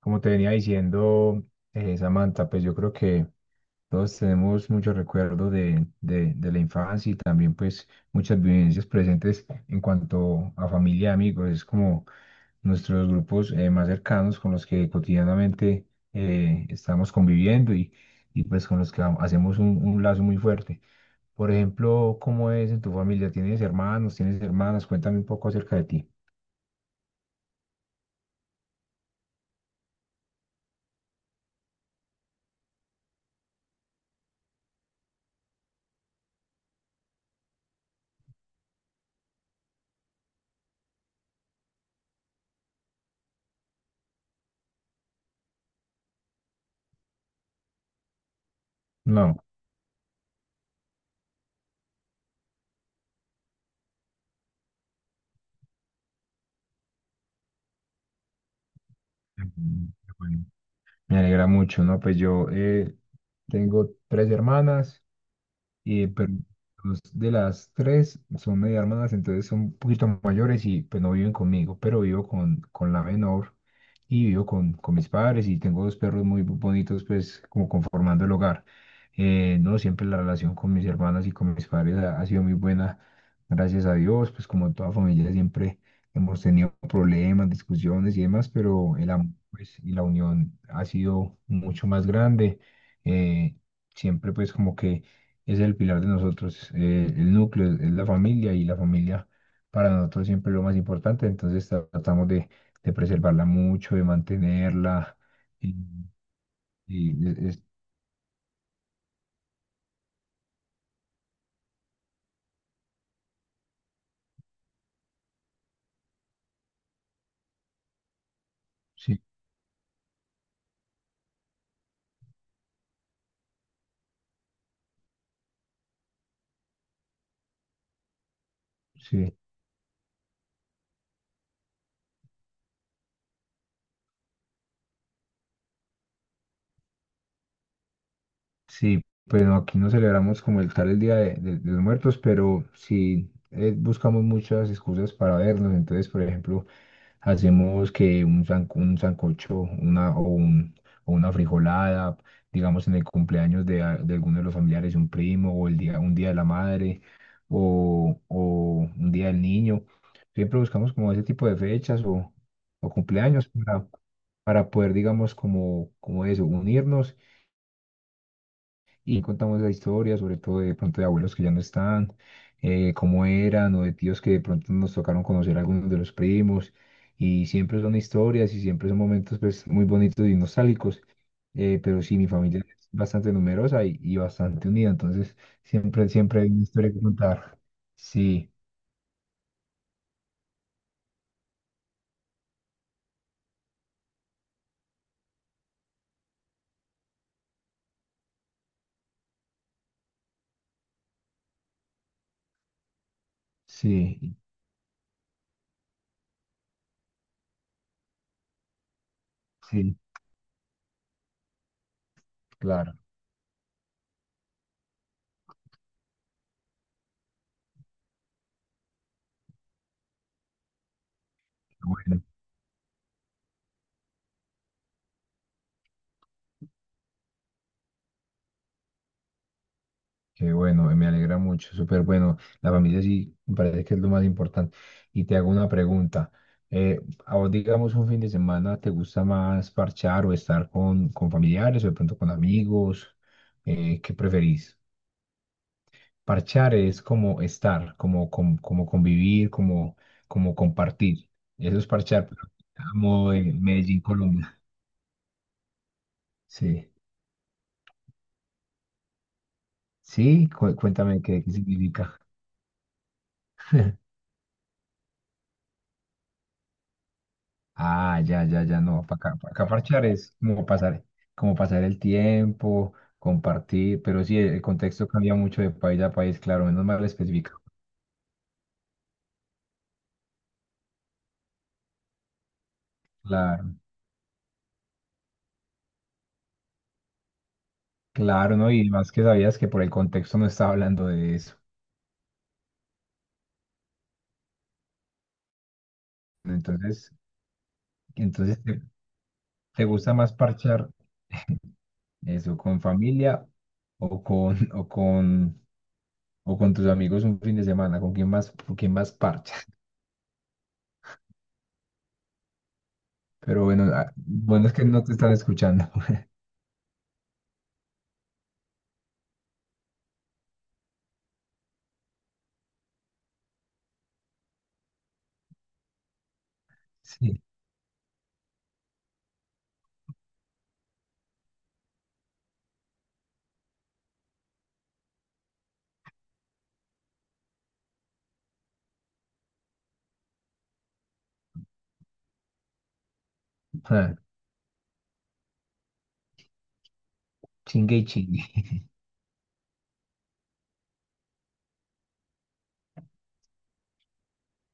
Como te venía diciendo, Samantha, pues yo creo que todos tenemos muchos recuerdos de la infancia y también pues muchas vivencias presentes en cuanto a familia y amigos. Es como nuestros grupos más cercanos con los que cotidianamente estamos conviviendo y pues con los que hacemos un lazo muy fuerte. Por ejemplo, ¿cómo es en tu familia? ¿Tienes hermanos? ¿Tienes hermanas? Cuéntame un poco acerca de ti. No. Ujú, bueno. Me alegra mucho, ¿no? Pues yo tengo tres hermanas, pero dos de las tres son medio hermanas, entonces son un poquito mayores y pues no viven conmigo, pero vivo con la menor y vivo con mis padres y tengo dos perros muy bonitos, pues como conformando el hogar. No, siempre la relación con mis hermanas y con mis padres ha sido muy buena, gracias a Dios, pues como toda familia siempre hemos tenido problemas, discusiones y demás, pero el amor, pues, y la unión ha sido mucho más grande. Eh, Siempre, pues, como que es el pilar de nosotros, el núcleo es la familia y la familia para nosotros siempre es lo más importante, entonces tratamos de preservarla mucho, de mantenerla. Y, y es- es- sí, sí. Sí, pues no, aquí no celebramos como el tal el Día de los Muertos, pero sí buscamos muchas excusas para vernos. Entonces, por ejemplo, hacemos que un sancocho o una frijolada, digamos en el cumpleaños de alguno de los familiares, un primo, o un día de la madre, o un día del niño. Siempre buscamos como ese tipo de fechas o cumpleaños para poder, digamos, como eso, unirnos y contamos la historia, sobre todo de pronto de abuelos que ya no están, cómo eran, o de tíos que de pronto nos tocaron conocer a algunos de los primos, y siempre son historias y siempre son momentos, pues, muy bonitos y nostálgicos, pero sí, mi familia es bastante numerosa y bastante unida, entonces siempre, siempre hay una historia que contar. Sí, sí, sí, claro. Bueno. Qué bueno, me alegra mucho, súper bueno. La familia sí me parece que es lo más importante. Y te hago una pregunta. eh, ¿A vos, digamos, un fin de semana te gusta más parchar o estar con familiares o de pronto con amigos? ¿Qué preferís? Parchar es como estar, como convivir, como compartir. Eso es parchar, pero como en Medellín, Colombia. Sí. Sí, cuéntame qué, qué significa. Ah, ya, ya, ya, no, para acá, pa' acá parchar es como pasar el tiempo, compartir, pero sí, el contexto cambia mucho de país a país, claro, menos mal específico. Claro, claro, ¿no? Y más que sabías que por el contexto no estaba hablando de eso. Entonces, entonces ¿te gusta más parchar eso con familia o con, o con tus amigos un fin de semana? Con quién más parchas? Pero bueno, ah, bueno, es que no te están escuchando. Sí, ah, chingue y chingue.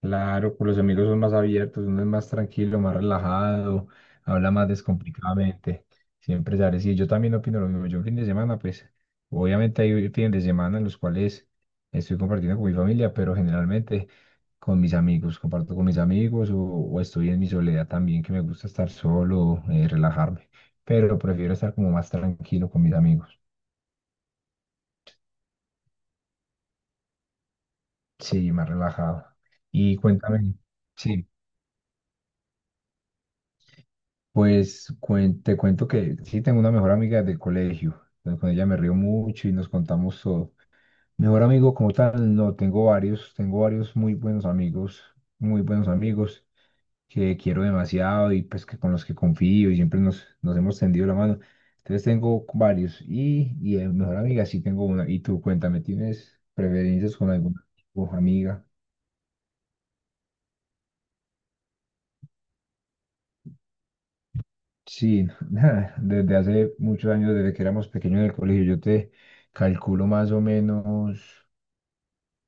Claro, con los amigos son más abiertos, uno es más tranquilo, más relajado, habla más descomplicadamente. Siempre sale. Sí, yo también opino lo mismo. Yo, fin de semana, pues, obviamente hay fines de semana en los cuales estoy compartiendo con mi familia, pero generalmente con mis amigos, comparto con mis amigos o estoy en mi soledad también, que me gusta estar solo, relajarme. Pero prefiero estar como más tranquilo con mis amigos. Sí, más relajado. Y cuéntame, sí. Pues te cuento que sí tengo una mejor amiga del colegio. Entonces, con ella me río mucho y nos contamos todo. Mejor amigo como tal, no, tengo varios muy buenos amigos que quiero demasiado y pues que con los que confío y siempre nos hemos tendido la mano. Entonces tengo varios y de mejor amiga sí tengo una. Y tú, cuéntame, ¿tienes preferencias con alguna o amiga? Sí, desde hace muchos años, desde que éramos pequeños en el colegio, yo te calculo más o menos,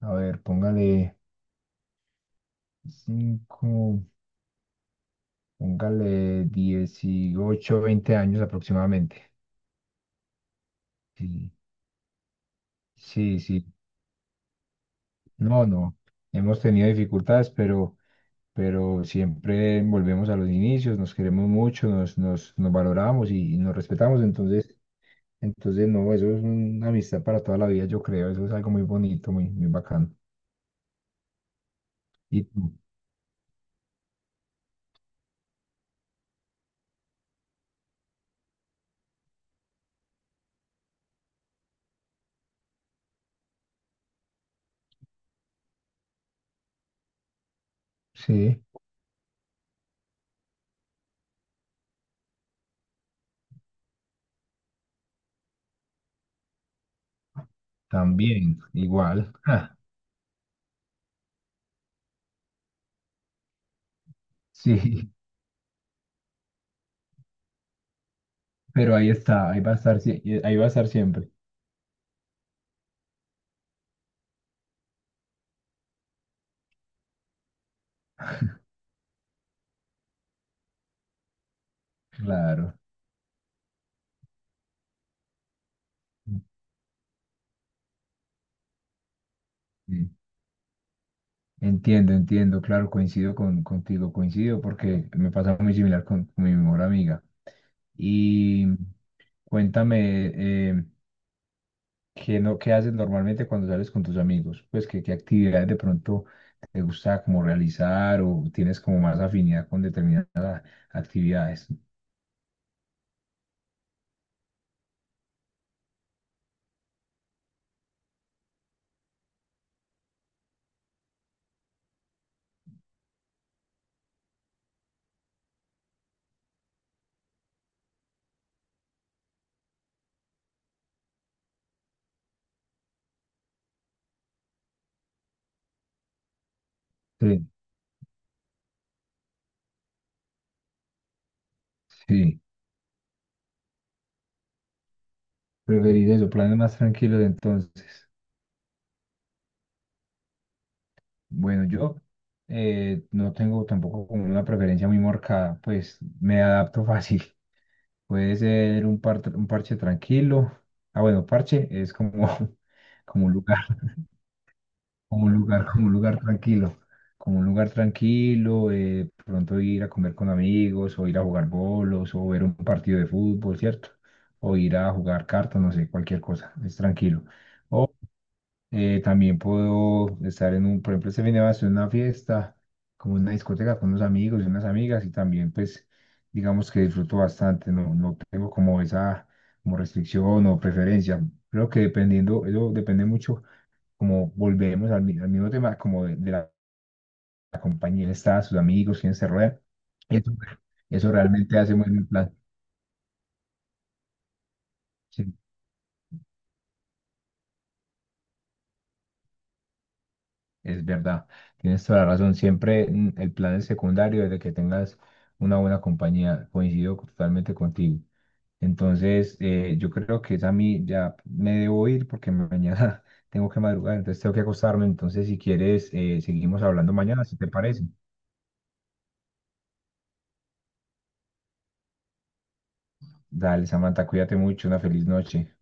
a ver, póngale 5, póngale 18, 20 años aproximadamente. Sí, sí, sí. No, no, hemos tenido dificultades, pero siempre volvemos a los inicios, nos queremos mucho, nos valoramos y nos respetamos, entonces, entonces, no, eso es una amistad para toda la vida, yo creo, eso es algo muy bonito, muy, muy bacano. Y tú, sí, también, igual. Ah, sí, pero ahí está, ahí va a estar, ahí va a estar siempre. Claro. Sí. Entiendo, entiendo, claro, coincido contigo, coincido porque me pasa muy similar con mi mejor amiga. Y cuéntame, ¿qué, no, ¿qué haces normalmente cuando sales con tus amigos? Pues, ¿qué, qué actividades de pronto te gusta como realizar o tienes como más afinidad con determinadas actividades? Sí, sí. Preferís eso, planes más tranquilos entonces. Bueno, yo no tengo tampoco como una preferencia muy marcada, pues me adapto fácil. Puede ser un parche tranquilo. Ah, bueno, parche es como, como un lugar, como un lugar tranquilo. Como un lugar tranquilo, pronto ir a comer con amigos, o ir a jugar bolos, o ver un partido de fútbol, ¿cierto? O ir a jugar cartas, no sé, cualquier cosa, es tranquilo. También puedo estar en por ejemplo, este fin de semana estuve en una fiesta, como en una discoteca con unos amigos y unas amigas, y también, pues, digamos que disfruto bastante, no, no tengo como esa como restricción o preferencia. Creo que dependiendo, eso depende mucho, como volvemos al mismo tema, como de la compañía, está, sus amigos, quién se rodea. Eso, eso realmente hace muy buen plan. Sí. Es verdad, tienes toda la razón. Siempre el plan es secundario desde que tengas una buena compañía. Coincido totalmente contigo. Entonces, yo creo que es a mí, ya me debo ir porque mañana tengo que madrugar, entonces tengo que acostarme. Entonces, si quieres, seguimos hablando mañana, si te parece. Dale, Samantha, cuídate mucho, una feliz noche.